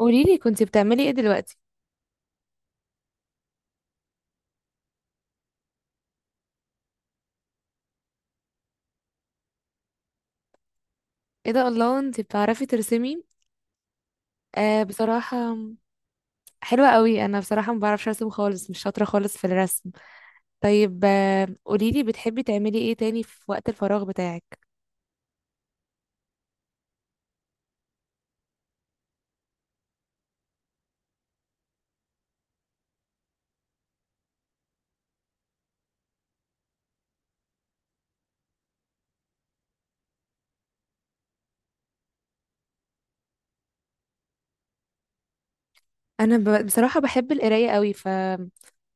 قوليلي كنتي بتعملي ايه دلوقتي؟ ايه ده! الله، انتي بتعرفي ترسمي؟ آه، بصراحة. حلوة قوي. انا بصراحة ما بعرفش ارسم خالص، مش شاطرة خالص في الرسم. طيب، قوليلي، بتحبي تعملي ايه تاني في وقت الفراغ بتاعك؟ بصراحه بحب القرايه قوي، ف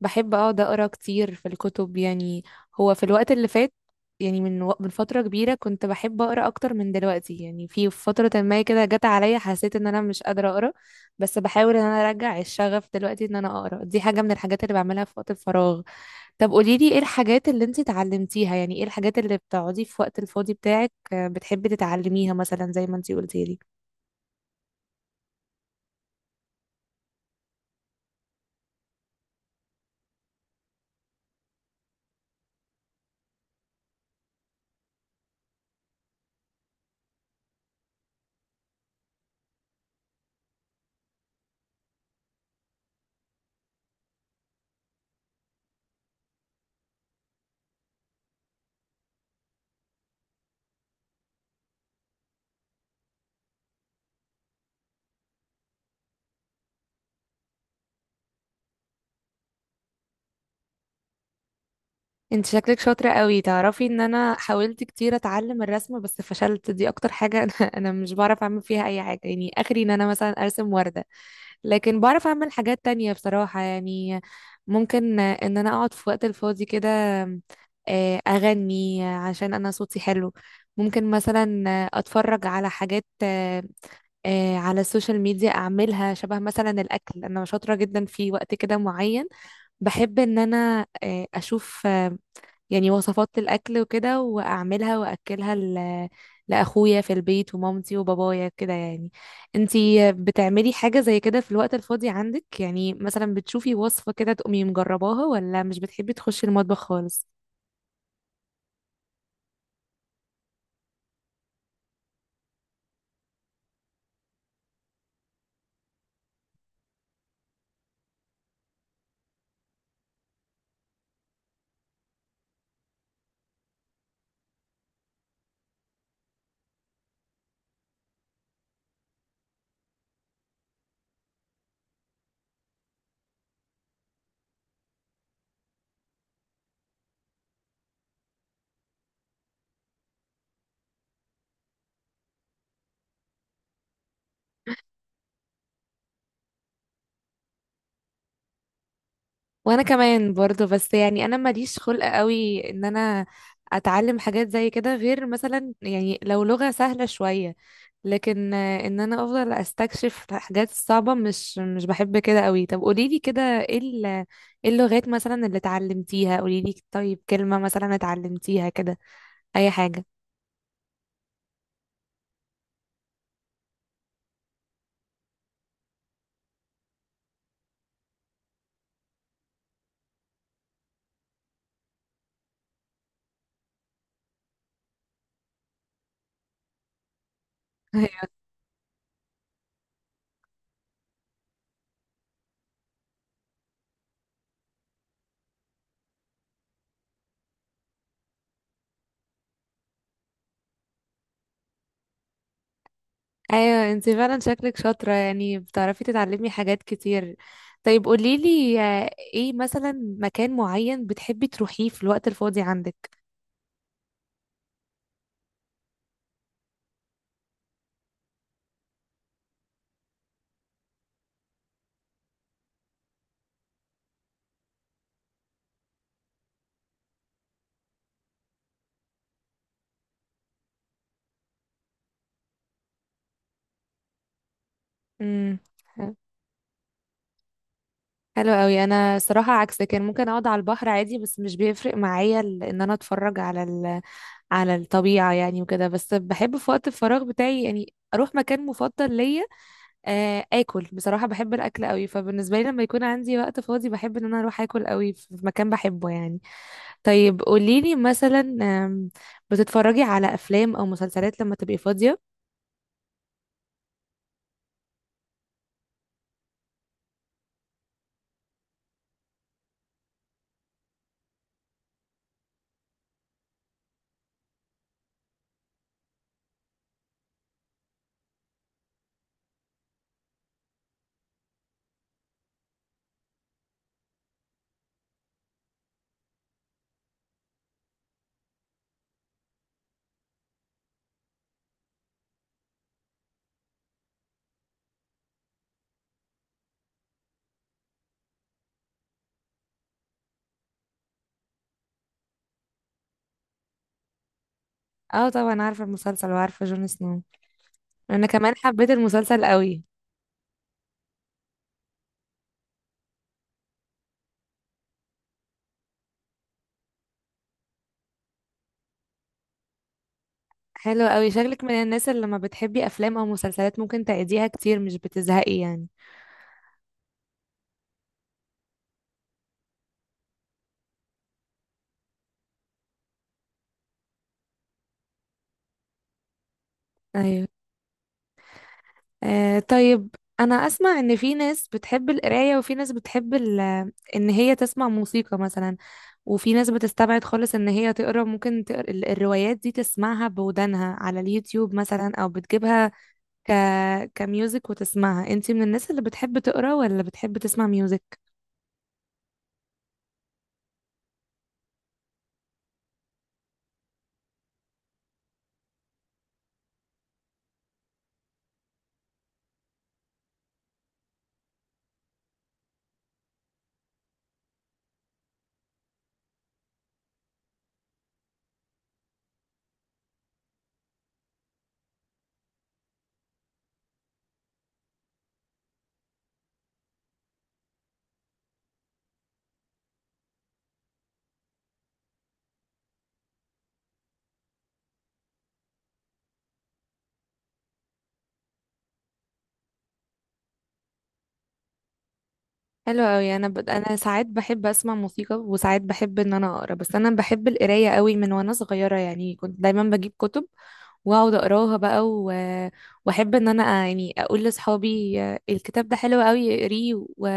بحب اقعد اقرا كتير في الكتب يعني. هو في الوقت اللي فات، يعني من من فتره كبيره كنت بحب اقرا اكتر من دلوقتي. يعني في فتره ما كده جت عليا، حسيت ان انا مش قادره اقرا، بس بحاول ان انا ارجع الشغف دلوقتي ان انا اقرا. دي حاجه من الحاجات اللي بعملها في وقت الفراغ. طب قولي لي، ايه الحاجات اللي انت اتعلمتيها؟ يعني ايه الحاجات اللي بتقعدي في وقت الفاضي بتاعك بتحبي تتعلميها مثلا زي ما انت قلتي لي؟ انت شكلك شاطرة قوي. تعرفي ان انا حاولت كتير اتعلم الرسم بس فشلت. دي اكتر حاجة انا انا مش بعرف اعمل فيها اي حاجة، يعني اخري ان انا مثلا ارسم وردة. لكن بعرف اعمل حاجات تانية بصراحة يعني. ممكن ان انا اقعد في وقت الفاضي كده، اغني عشان انا صوتي حلو. ممكن مثلا اتفرج على حاجات على السوشيال ميديا اعملها شبه. مثلا الاكل، انا شاطرة جدا في وقت كده معين. بحب ان انا اشوف يعني وصفات الأكل وكده وأعملها وأكلها لأخويا في البيت ومامتي وبابايا كده يعني. انتي بتعملي حاجة زي كده في الوقت الفاضي عندك؟ يعني مثلا بتشوفي وصفة كده تقومي مجرباها، ولا مش بتحبي تخشي المطبخ خالص؟ وأنا كمان برضه، بس يعني أنا ماليش خلق قوي إن أنا أتعلم حاجات زي كده، غير مثلا يعني لو لغة سهلة شوية. لكن ان انا افضل استكشف الحاجات الصعبة. مش بحب كده قوي. طب قوليلي كده، ايه إيه اللغات مثلا اللي اتعلمتيها؟ قوليلي طيب كلمة مثلا اتعلمتيها كده، اي حاجة. ايوه، انتي فعلا شكلك شاطرة، يعني بتعرفي تتعلمي حاجات كتير. طيب قوليلي ايه مثلا مكان معين بتحبي تروحيه في الوقت الفاضي عندك؟ امم. حلو قوي. انا صراحة عكسك، يعني ممكن اقعد على البحر عادي بس مش بيفرق معايا ان انا اتفرج على الطبيعة يعني، وكده. بس بحب في وقت الفراغ بتاعي يعني أروح مكان مفضل ليا، آكل. بصراحة بحب الأكل قوي، فبالنسبة لي لما يكون عندي وقت فاضي بحب إن أنا أروح آكل قوي في مكان بحبه يعني. طيب قوليلي مثلا بتتفرجي على أفلام أو مسلسلات لما تبقي فاضية؟ اه طبعا، عارفة المسلسل وعارفة جون سنو. أنا كمان حبيت المسلسل قوي. حلو قوي. شكلك من الناس اللي لما بتحبي افلام او مسلسلات ممكن تعيديها كتير، مش بتزهقي يعني. ايوه. آه، طيب. انا اسمع ان في ناس بتحب القرايه وفي ناس بتحب ان هي تسمع موسيقى مثلا. وفي ناس بتستبعد خالص ان هي تقرا، ممكن تقرا الروايات دي تسمعها بودانها على اليوتيوب مثلا او بتجيبها ك كميوزك وتسمعها. انتي من الناس اللي بتحب تقرا ولا بتحب تسمع ميوزك؟ حلو قوي. انا ساعات بحب اسمع موسيقى وساعات بحب ان انا اقرا، بس انا بحب القرايه قوي من وانا صغيره. يعني كنت دايما بجيب كتب واقعد اقراها بقى واحب ان انا يعني اقول لاصحابي الكتاب ده حلو قوي، اقريه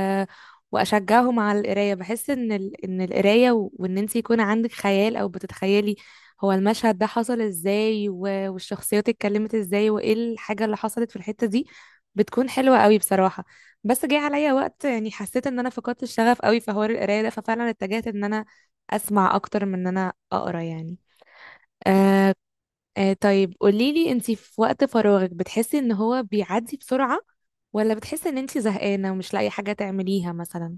واشجعهم على القرايه. بحس ان ان القرايه وان انت يكون عندك خيال او بتتخيلي هو المشهد ده حصل ازاي والشخصيات اتكلمت ازاي، وايه الحاجه اللي حصلت في الحته دي، بتكون حلوه قوي بصراحه. بس جه عليا وقت، يعني حسيت ان انا فقدت الشغف قوي في حوار القرايه ده. ففعلا اتجهت ان انا اسمع اكتر من ان انا اقرا يعني. آه، طيب قوليلي، انتي في وقت فراغك بتحسي ان هو بيعدي بسرعة، ولا بتحسي ان انتي زهقانة ومش لاقي حاجة تعمليها مثلا؟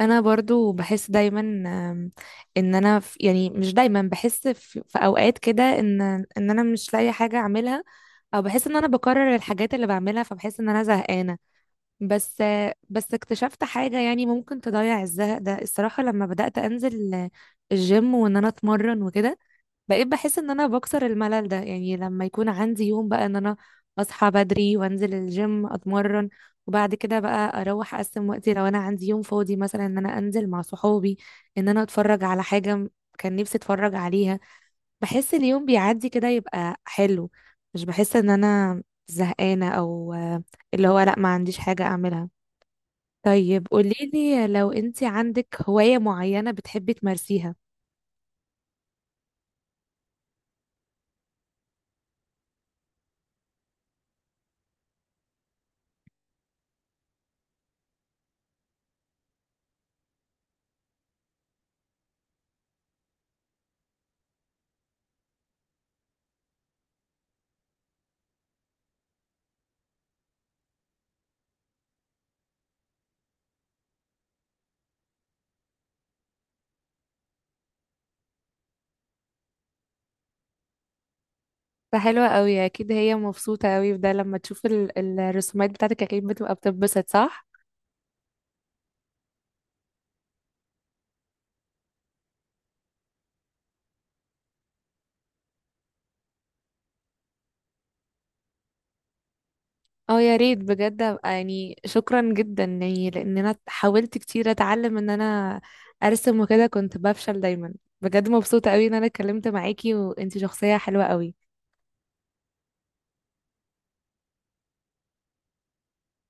انا برضو بحس دايما ان انا في، يعني مش دايما بحس، في اوقات كده ان ان انا مش لاقي حاجة اعملها، او بحس ان انا بكرر الحاجات اللي بعملها، فبحس ان انا زهقانة. بس اكتشفت حاجة يعني ممكن تضيع الزهق ده الصراحة، لما بدأت انزل الجيم وان انا اتمرن وكده، بقيت بحس ان انا بكسر الملل ده. يعني لما يكون عندي يوم بقى ان انا اصحى بدري وانزل الجيم اتمرن، وبعد كده بقى اروح اقسم وقتي، لو انا عندي يوم فاضي مثلا ان انا انزل مع صحابي، ان انا اتفرج على حاجة كان نفسي اتفرج عليها، بحس اليوم بيعدي كده يبقى حلو. مش بحس ان انا زهقانة او اللي هو لا، ما عنديش حاجة اعملها. طيب قوليلي، لو انتي عندك هواية معينة بتحبي تمارسيها؟ فحلوة قوي، اكيد هي مبسوطة قوي بده لما تشوف الرسومات بتاعتك. اكيد بتبقى بتتبسط، صح؟ اه يا ريت بجد، ابقى يعني شكرا جدا، يعني لان انا حاولت كتير اتعلم ان انا ارسم وكده كنت بفشل دايما. بجد مبسوطة قوي ان انا اتكلمت معاكي، وانتي شخصية حلوة قوي.